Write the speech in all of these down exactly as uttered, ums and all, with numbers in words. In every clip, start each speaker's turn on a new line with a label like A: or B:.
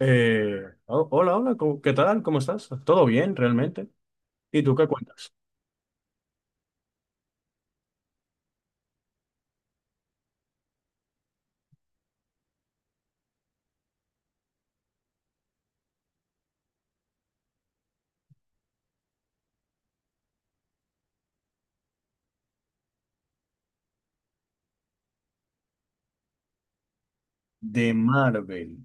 A: Eh, ho- hola, hola, ¿cómo- ¿qué tal? ¿Cómo estás? ¿Todo bien, realmente? ¿Y tú qué cuentas? De Marvel.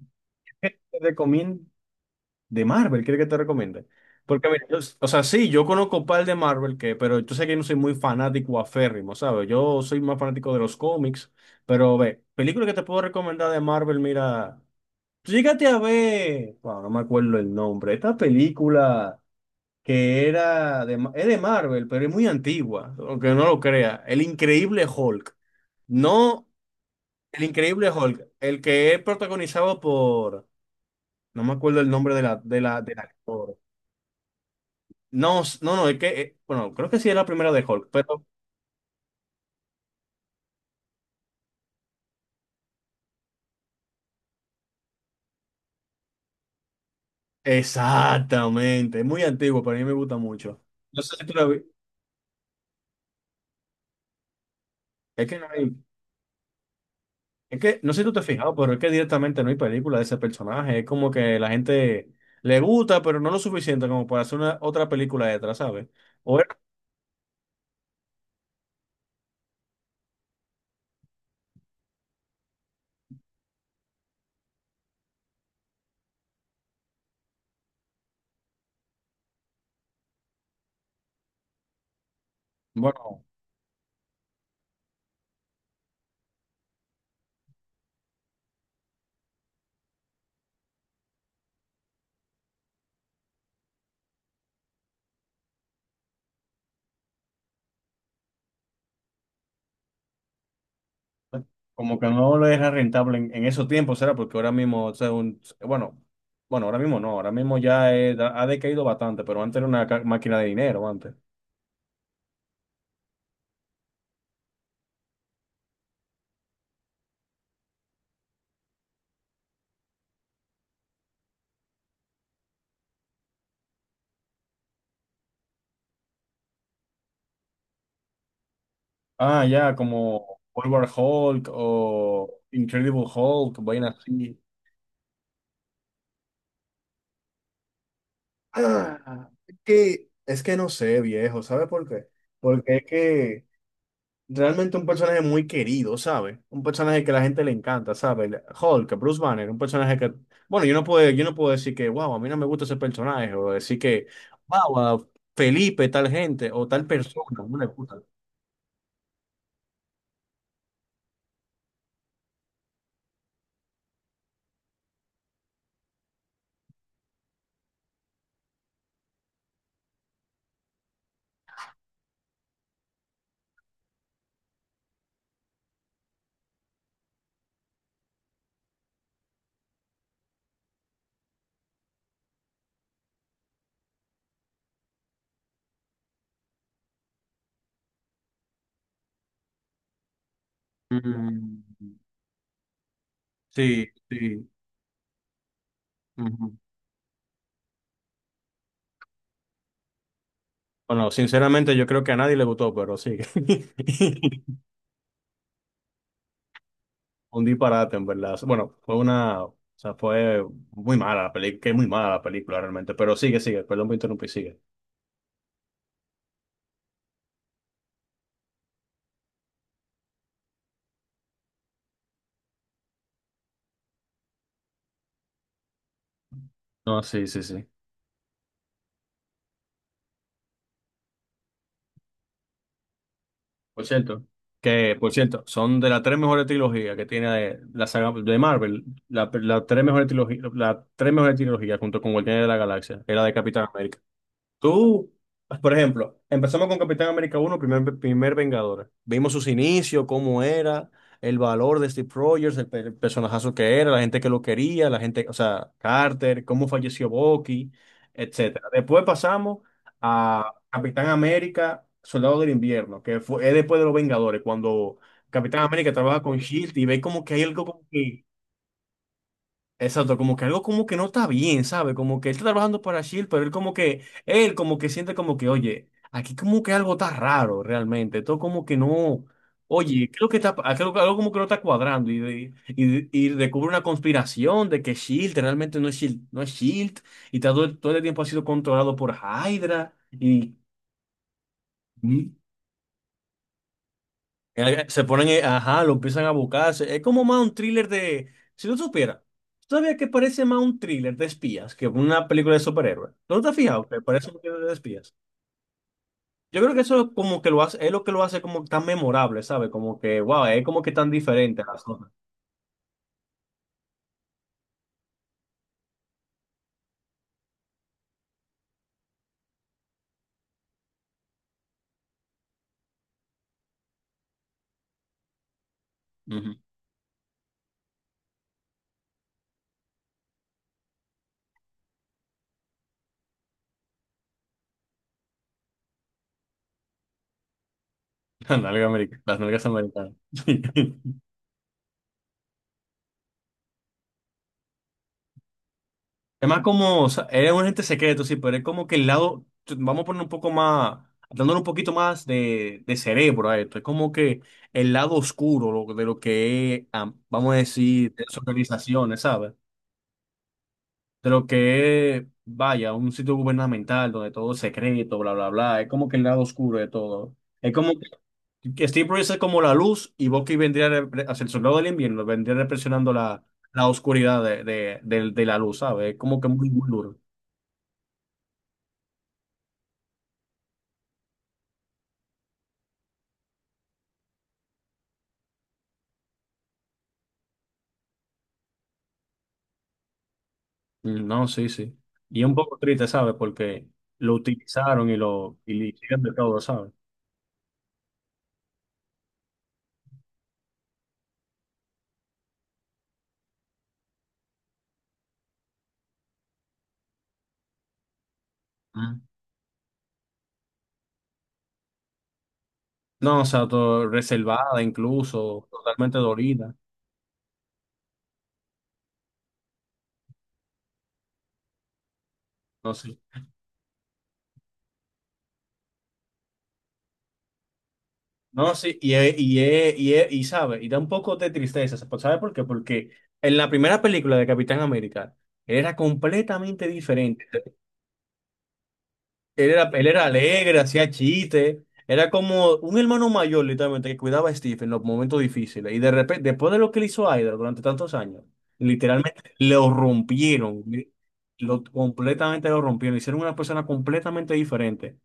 A: ¿Qué te recomiendo? De Marvel, ¿quieres que te recomiende? Porque mira, yo- o sea, sí, yo conozco un par de Marvel, que, pero yo sé que yo no soy muy fanático aférrimo, ¿sabes? Yo soy más fanático de los cómics, pero ve, película que te puedo recomendar de Marvel, mira, llégate a ver, bueno, no me acuerdo el nombre, esta película que era de, Ma- es de Marvel, pero es muy antigua, aunque no lo crea. El Increíble Hulk. No, el Increíble Hulk, el que es protagonizado por, no me acuerdo el nombre de la, de la, del actor. No, s- no, no, es que, eh, bueno, creo que sí es la primera de Hulk, pero exactamente, es muy antiguo, pero a mí me gusta mucho. No sé si tú la vi- Es que no hay. Es que no sé si tú te has fijado, pero es que directamente no hay película de ese personaje. Es como que la gente le gusta, pero no lo suficiente como para hacer una otra película detrás, ¿sabes? O era- bueno, como que no lo era rentable en, en esos tiempos, ¿será? Porque ahora mismo, o sea, un- bueno, bueno, ahora mismo no, ahora mismo ya eh, ha decaído bastante, pero antes era una ca- máquina de dinero, antes. Ah, ya, como World War Hulk o Incredible Hulk, vainas así. Ah, que es que no sé, viejo, ¿sabe por qué? Porque es que realmente un personaje muy querido, ¿sabe? Un personaje que a la gente le encanta, ¿sabe? El Hulk, Bruce Banner, un personaje que, bueno, yo no puedo, yo no puedo decir que wow, a mí no me gusta ese personaje, o decir que wow, a Felipe, tal gente, o tal persona, no le gusta. Mm, sí, sí. Ujú. Bueno, sinceramente yo creo que a nadie le gustó, pero sí. Un disparate, en verdad. Bueno, fue una, o sea, fue muy mala la película, que es muy mala la película realmente, pero sigue, sigue, perdón por interrumpir, sigue. No, sí, sí, sí. Por cierto, que, por cierto, son de las tres mejores trilogías que tiene la saga de Marvel, la, la tres mejores trilogías, las tres mejores trilogías junto con Guardianes de la Galaxia, era de Capitán América. Tú, por ejemplo, empezamos con Capitán América uno primer, primer Vengador. Vimos sus inicios, cómo era, el valor de Steve Rogers, el, pe- el personajazo que era, la gente que lo quería, la gente, o sea, Carter, cómo falleció Bucky, etcétera. Después pasamos a Capitán América, Soldado del Invierno, que fue, es después de los Vengadores, cuando Capitán América trabaja con Shield y ve como que hay algo como que... Exacto, como que algo como que no está bien, ¿sabe? Como que él está trabajando para Shield, pero él como que, él como que siente como que, oye, aquí como que algo está raro realmente, todo como que no, oye, creo que está, algo, algo como que no está cuadrando y, de- y, de- y descubre una conspiración de que Shield realmente no es Shield, no es Shield y todo, todo el tiempo ha sido controlado por Hydra y... Eh, Se ponen, eh, ajá, lo empiezan a buscar. Se- Es como más un thriller de. Si tú supieras, todavía que parece más un thriller de espías que una película de superhéroes. ¿No te has fijado que parece un thriller de espías? Yo creo que eso como que lo hace, es lo que lo hace como tan memorable, ¿sabes? Como que wow, es como que tan diferente a las otras. Ujú. Las nalgas americanas, las nalgas americanas. Es más como, o sea, eres un agente secreto, sí, pero es como que el lado, vamos a poner un poco más, dándole un poquito más de, de cerebro a esto, es como que el lado oscuro lo- de lo que es, ah, vamos a decir, de las organizaciones, ¿sabes? De lo que es, vaya, un sitio gubernamental donde todo es secreto, bla, bla, bla, es como que el lado oscuro de todo. Es como que que Steve Bruce es como la luz y Bucky vendría, repre- hacia el soldado del invierno, vendría represionando la, la oscuridad de, de, de- de la luz, ¿sabes? Es como que muy, muy duro. Mm, no, sí, sí. Y es un poco triste, ¿sabes? Porque lo utilizaron y lo y le hicieron de todo, ¿sabes? Mm. No, o sea, todo reservada, incluso totalmente dolida. No sé. No, sí, y, es- y, es- y, es- y sabe, y da un poco de tristeza, ¿sabes por qué? Porque en la primera película de Capitán América era completamente diferente. Él era, él era alegre, hacía chistes. Era como un hermano mayor, literalmente, que cuidaba a Steve en los momentos difíciles. Y de repente, después de lo que le hizo a Hydra durante tantos años, literalmente lo rompieron. Lo, completamente lo rompieron. Hicieron una persona completamente diferente.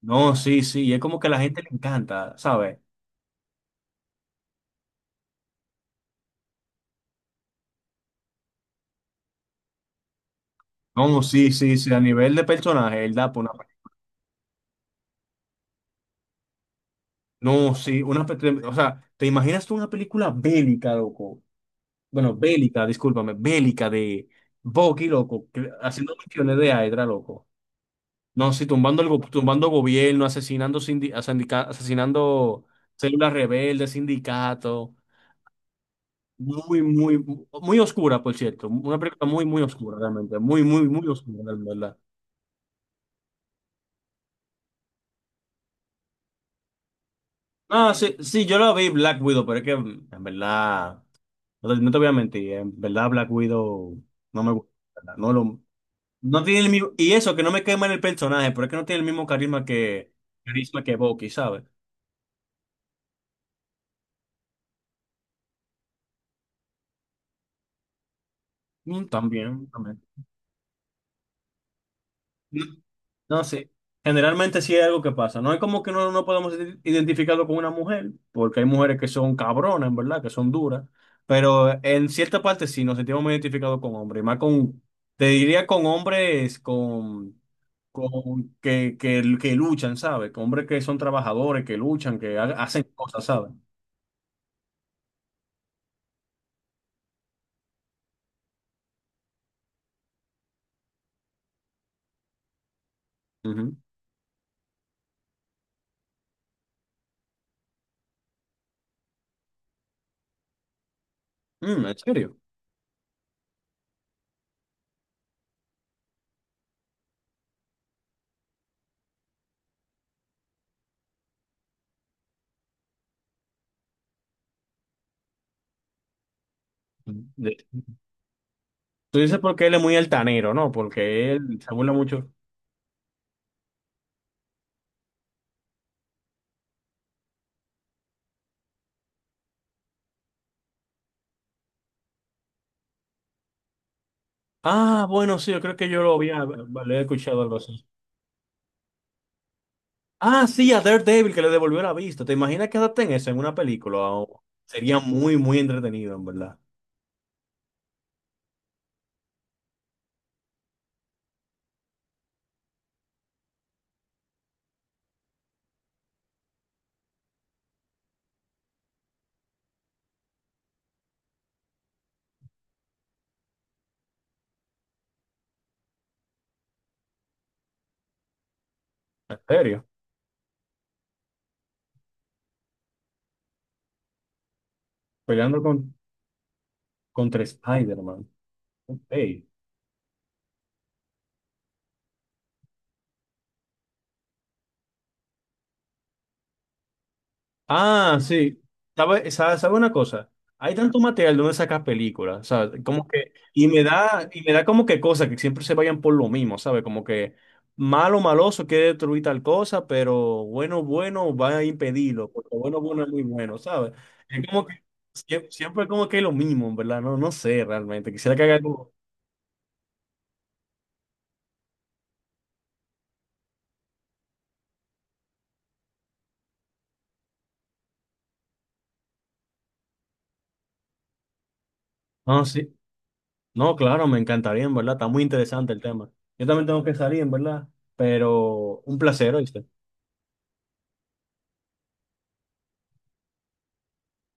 A: No, sí, sí. Y es como que a la gente le encanta, ¿sabes? No, sí, sí, sí. A nivel de personaje, él da por una. No, sí. Una, pe- o sea, ¿te imaginas tú una película bélica, loco? Bueno, bélica, discúlpame, bélica de Bucky, loco, que- haciendo misiones de Hydra, loco. No, sí, tumbando, el, go- tumbando gobierno, asesinando, sindi- a sindica- asesinando células rebeldes, sindicatos. Muy, muy, muy oscura, por cierto. Una película muy, muy oscura, realmente. Muy, muy, muy oscura, en verdad. No, sí, sí, yo la vi Black Widow, pero es que, en verdad, no te no te voy a mentir, en verdad Black Widow no me gusta, en verdad, no lo... No tiene el mismo. Y eso, que no me quema en el personaje, pero es que no tiene el mismo carisma que. Carisma que Bucky, ¿sabes? Mm, también, también. No, no sé. Generalmente sí hay algo que pasa. No es como que no, no podemos ide- identificarlo con una mujer, porque hay mujeres que son cabronas, en verdad, que son duras. Pero en cierta parte sí nos sentimos muy identificados con hombres. Y más con. Te diría con hombres con. con que, que, que luchan, ¿sabes? Con hombres que son trabajadores, que luchan, que ha- hacen cosas, ¿sabes? Ujú. Mm, ¿en serio? De... Tú dices porque él es muy altanero, ¿no? Porque él se burla mucho. Ah, bueno, sí, yo creo que yo lo había, lo he escuchado algo así. Ah, sí, a Daredevil que le devolvió la vista. ¿Te imaginas que adapten eso en una película? O- Sería muy, muy entretenido, en verdad. En serio, peleando con, contra Spider-Man. Ok. Ah, sí. ¿Sabe, sa- ¿sabe una cosa? Hay tanto material donde sacas películas, o sea, como que, y me da, y me da como que cosas que siempre se vayan por lo mismo, ¿sabe? Como que malo, maloso quiere destruir tal cosa, pero bueno, bueno va a impedirlo, porque bueno, bueno es muy bueno, ¿sabe? Es como que sie- siempre, como que es lo mismo, ¿en verdad? No, no sé realmente. Quisiera que haga algo. No, sí. No, claro, me encantaría, en verdad. Está muy interesante el tema. Yo también tengo que salir, en verdad. Pero un placer, ¿oíste?